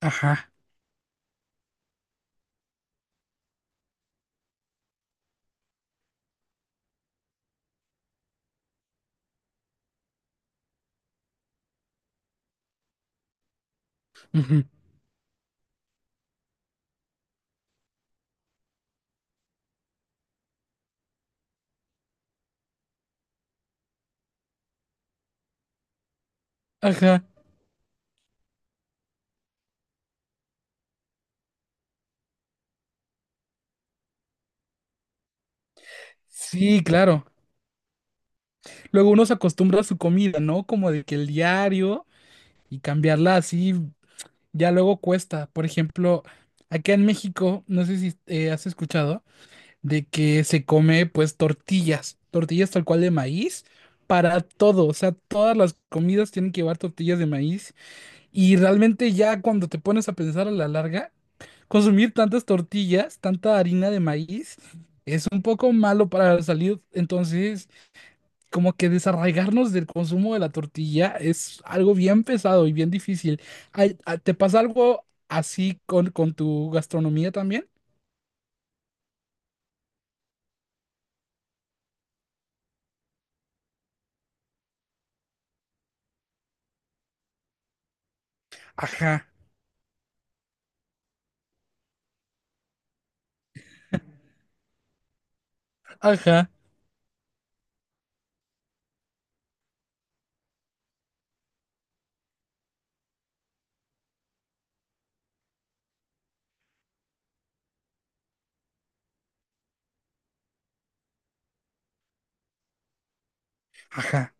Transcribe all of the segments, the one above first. Ajá, ujú, ajá, sí, claro. Luego uno se acostumbra a su comida, ¿no? Como de que el diario y cambiarla así ya luego cuesta. Por ejemplo, acá en México, no sé si has escuchado, de que se come pues tortillas, tortillas tal cual de maíz para todo. O sea, todas las comidas tienen que llevar tortillas de maíz y realmente ya cuando te pones a pensar a la larga, consumir tantas tortillas, tanta harina de maíz, es un poco malo para la salud. Entonces, como que desarraigarnos del consumo de la tortilla es algo bien pesado y bien difícil. Ay, ah, ¿te pasa algo así con tu gastronomía también? Ajá, ajá, ajá.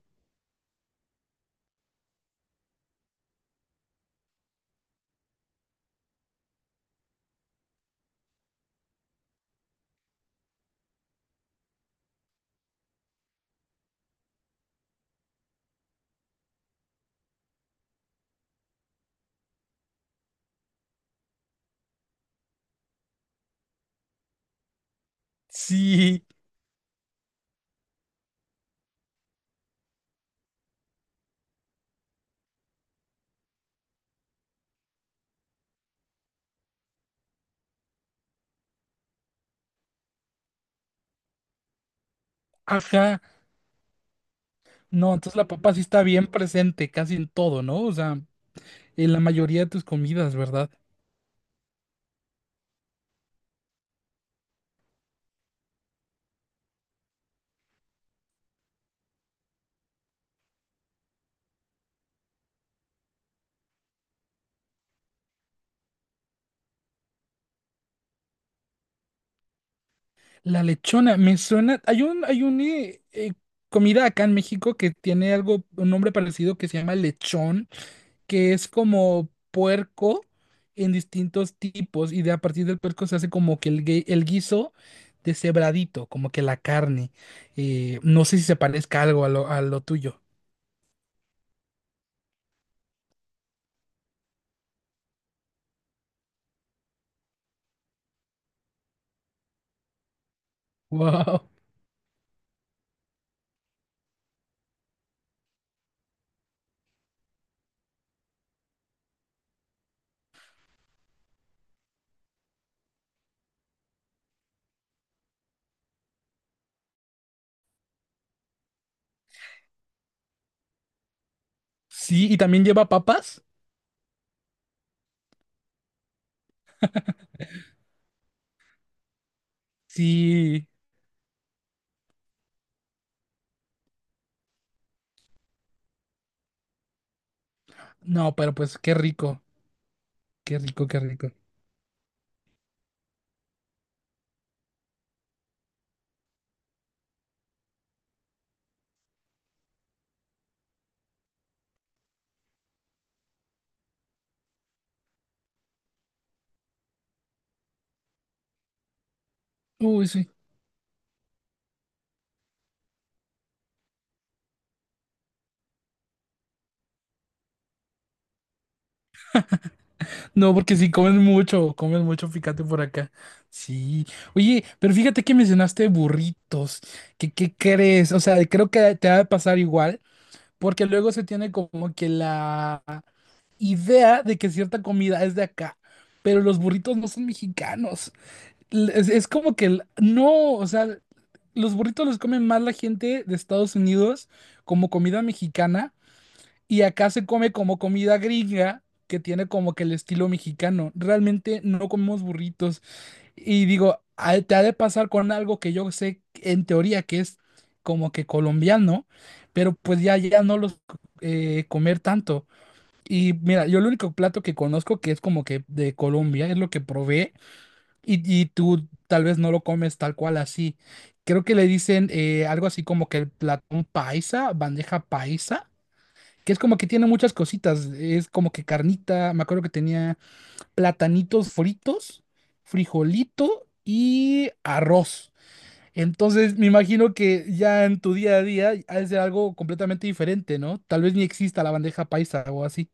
Sí, ajá. No, entonces la papa sí está bien presente casi en todo, ¿no? O sea, en la mayoría de tus comidas, ¿verdad? La lechona, me suena. Hay un comida acá en México que tiene algo, un nombre parecido que se llama lechón, que es como puerco en distintos tipos, y de a partir del puerco se hace como que el guiso deshebradito, como que la carne. No sé si se parezca algo a lo tuyo. Wow. Sí, y también lleva papas. Sí. No, pero pues qué rico, qué rico, qué rico. Uy, sí. No, porque si comen mucho, comen mucho picante por acá. Sí. Oye, pero fíjate que mencionaste burritos. ¿Qué, qué crees? O sea, creo que te va a pasar igual, porque luego se tiene como que la idea de que cierta comida es de acá, pero los burritos no son mexicanos. Es como que no, o sea, los burritos los comen más la gente de Estados Unidos como comida mexicana y acá se come como comida gringa, que tiene como que el estilo mexicano. Realmente no comemos burritos. Y digo, ah, te ha de pasar con algo que yo sé en teoría que es como que colombiano, pero pues ya, ya no los comer tanto. Y mira, yo el único plato que conozco que es como que de Colombia es lo que probé y tú tal vez no lo comes tal cual así. Creo que le dicen algo así como que el platón paisa, bandeja paisa, que es como que tiene muchas cositas. Es como que carnita, me acuerdo que tenía platanitos fritos, frijolito y arroz. Entonces me imagino que ya en tu día a día ha de ser algo completamente diferente, ¿no? Tal vez ni exista la bandeja paisa o así.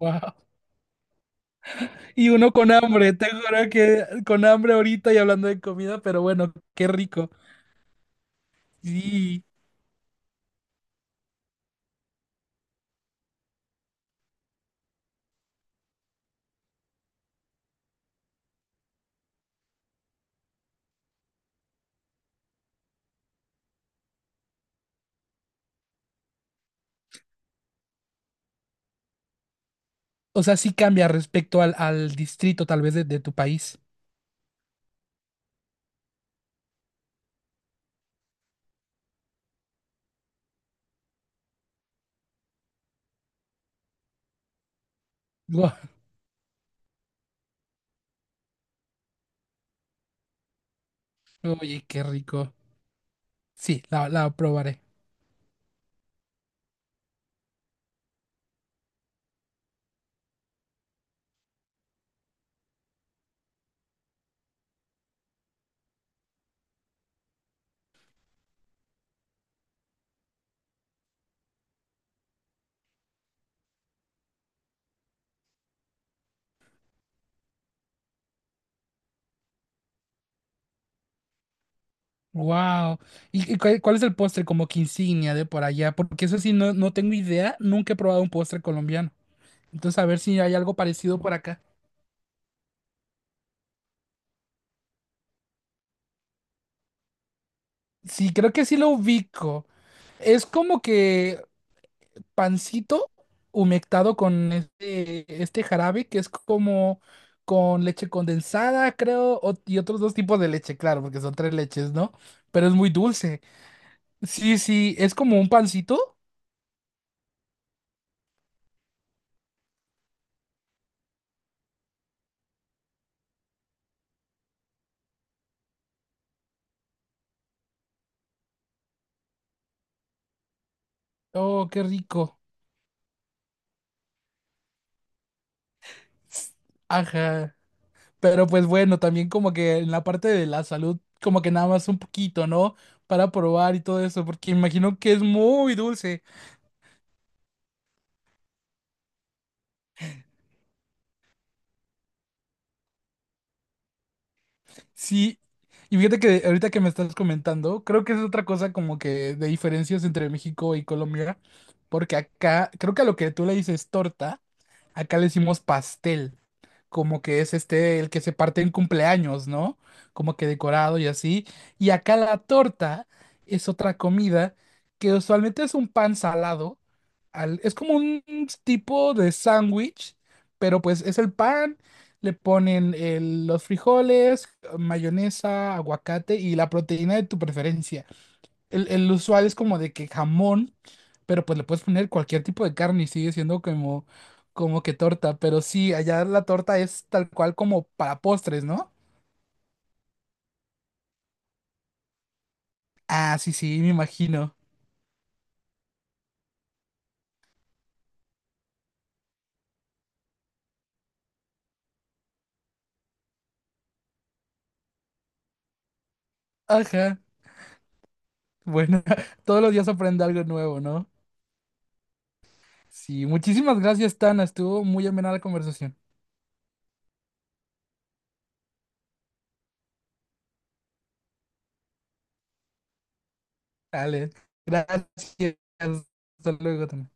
Wow. Y uno con hambre, te juro que con hambre ahorita y hablando de comida, pero bueno, qué rico. Sí. O sea, sí cambia respecto al, al distrito tal vez de tu país. Guau, oye, qué rico. Sí, la probaré. Wow. Y cuál, cuál es el postre como que insignia de por allá? Porque eso sí, no, no tengo idea, nunca he probado un postre colombiano. Entonces, a ver si hay algo parecido por acá. Sí, creo que sí lo ubico. Es como que pancito humectado con este, este jarabe que es como con leche condensada, creo, o- y otros dos tipos de leche, claro, porque son tres leches, ¿no? Pero es muy dulce. Sí, sí, es como un pancito. Oh, qué rico. Ajá. Pero pues bueno, también como que en la parte de la salud, como que nada más un poquito, ¿no? Para probar y todo eso, porque imagino que es muy dulce. Sí. Y fíjate que ahorita que me estás comentando, creo que es otra cosa como que de diferencias entre México y Colombia, porque acá, creo que a lo que tú le dices torta, acá le decimos pastel, como que es este el que se parte en cumpleaños, ¿no? Como que decorado y así. Y acá la torta es otra comida que usualmente es un pan salado, al- es como un tipo de sándwich, pero pues es el pan, le ponen los frijoles, mayonesa, aguacate y la proteína de tu preferencia, el usual es como de que jamón, pero pues le puedes poner cualquier tipo de carne y sigue siendo como, como que torta. Pero sí, allá la torta es tal cual como para postres, ¿no? Ah, sí, sí, me imagino. Ajá. Bueno, todos los días aprende algo nuevo, ¿no? Sí, muchísimas gracias, Tana. Estuvo muy amena la conversación. Dale, gracias. Hasta luego, Tana.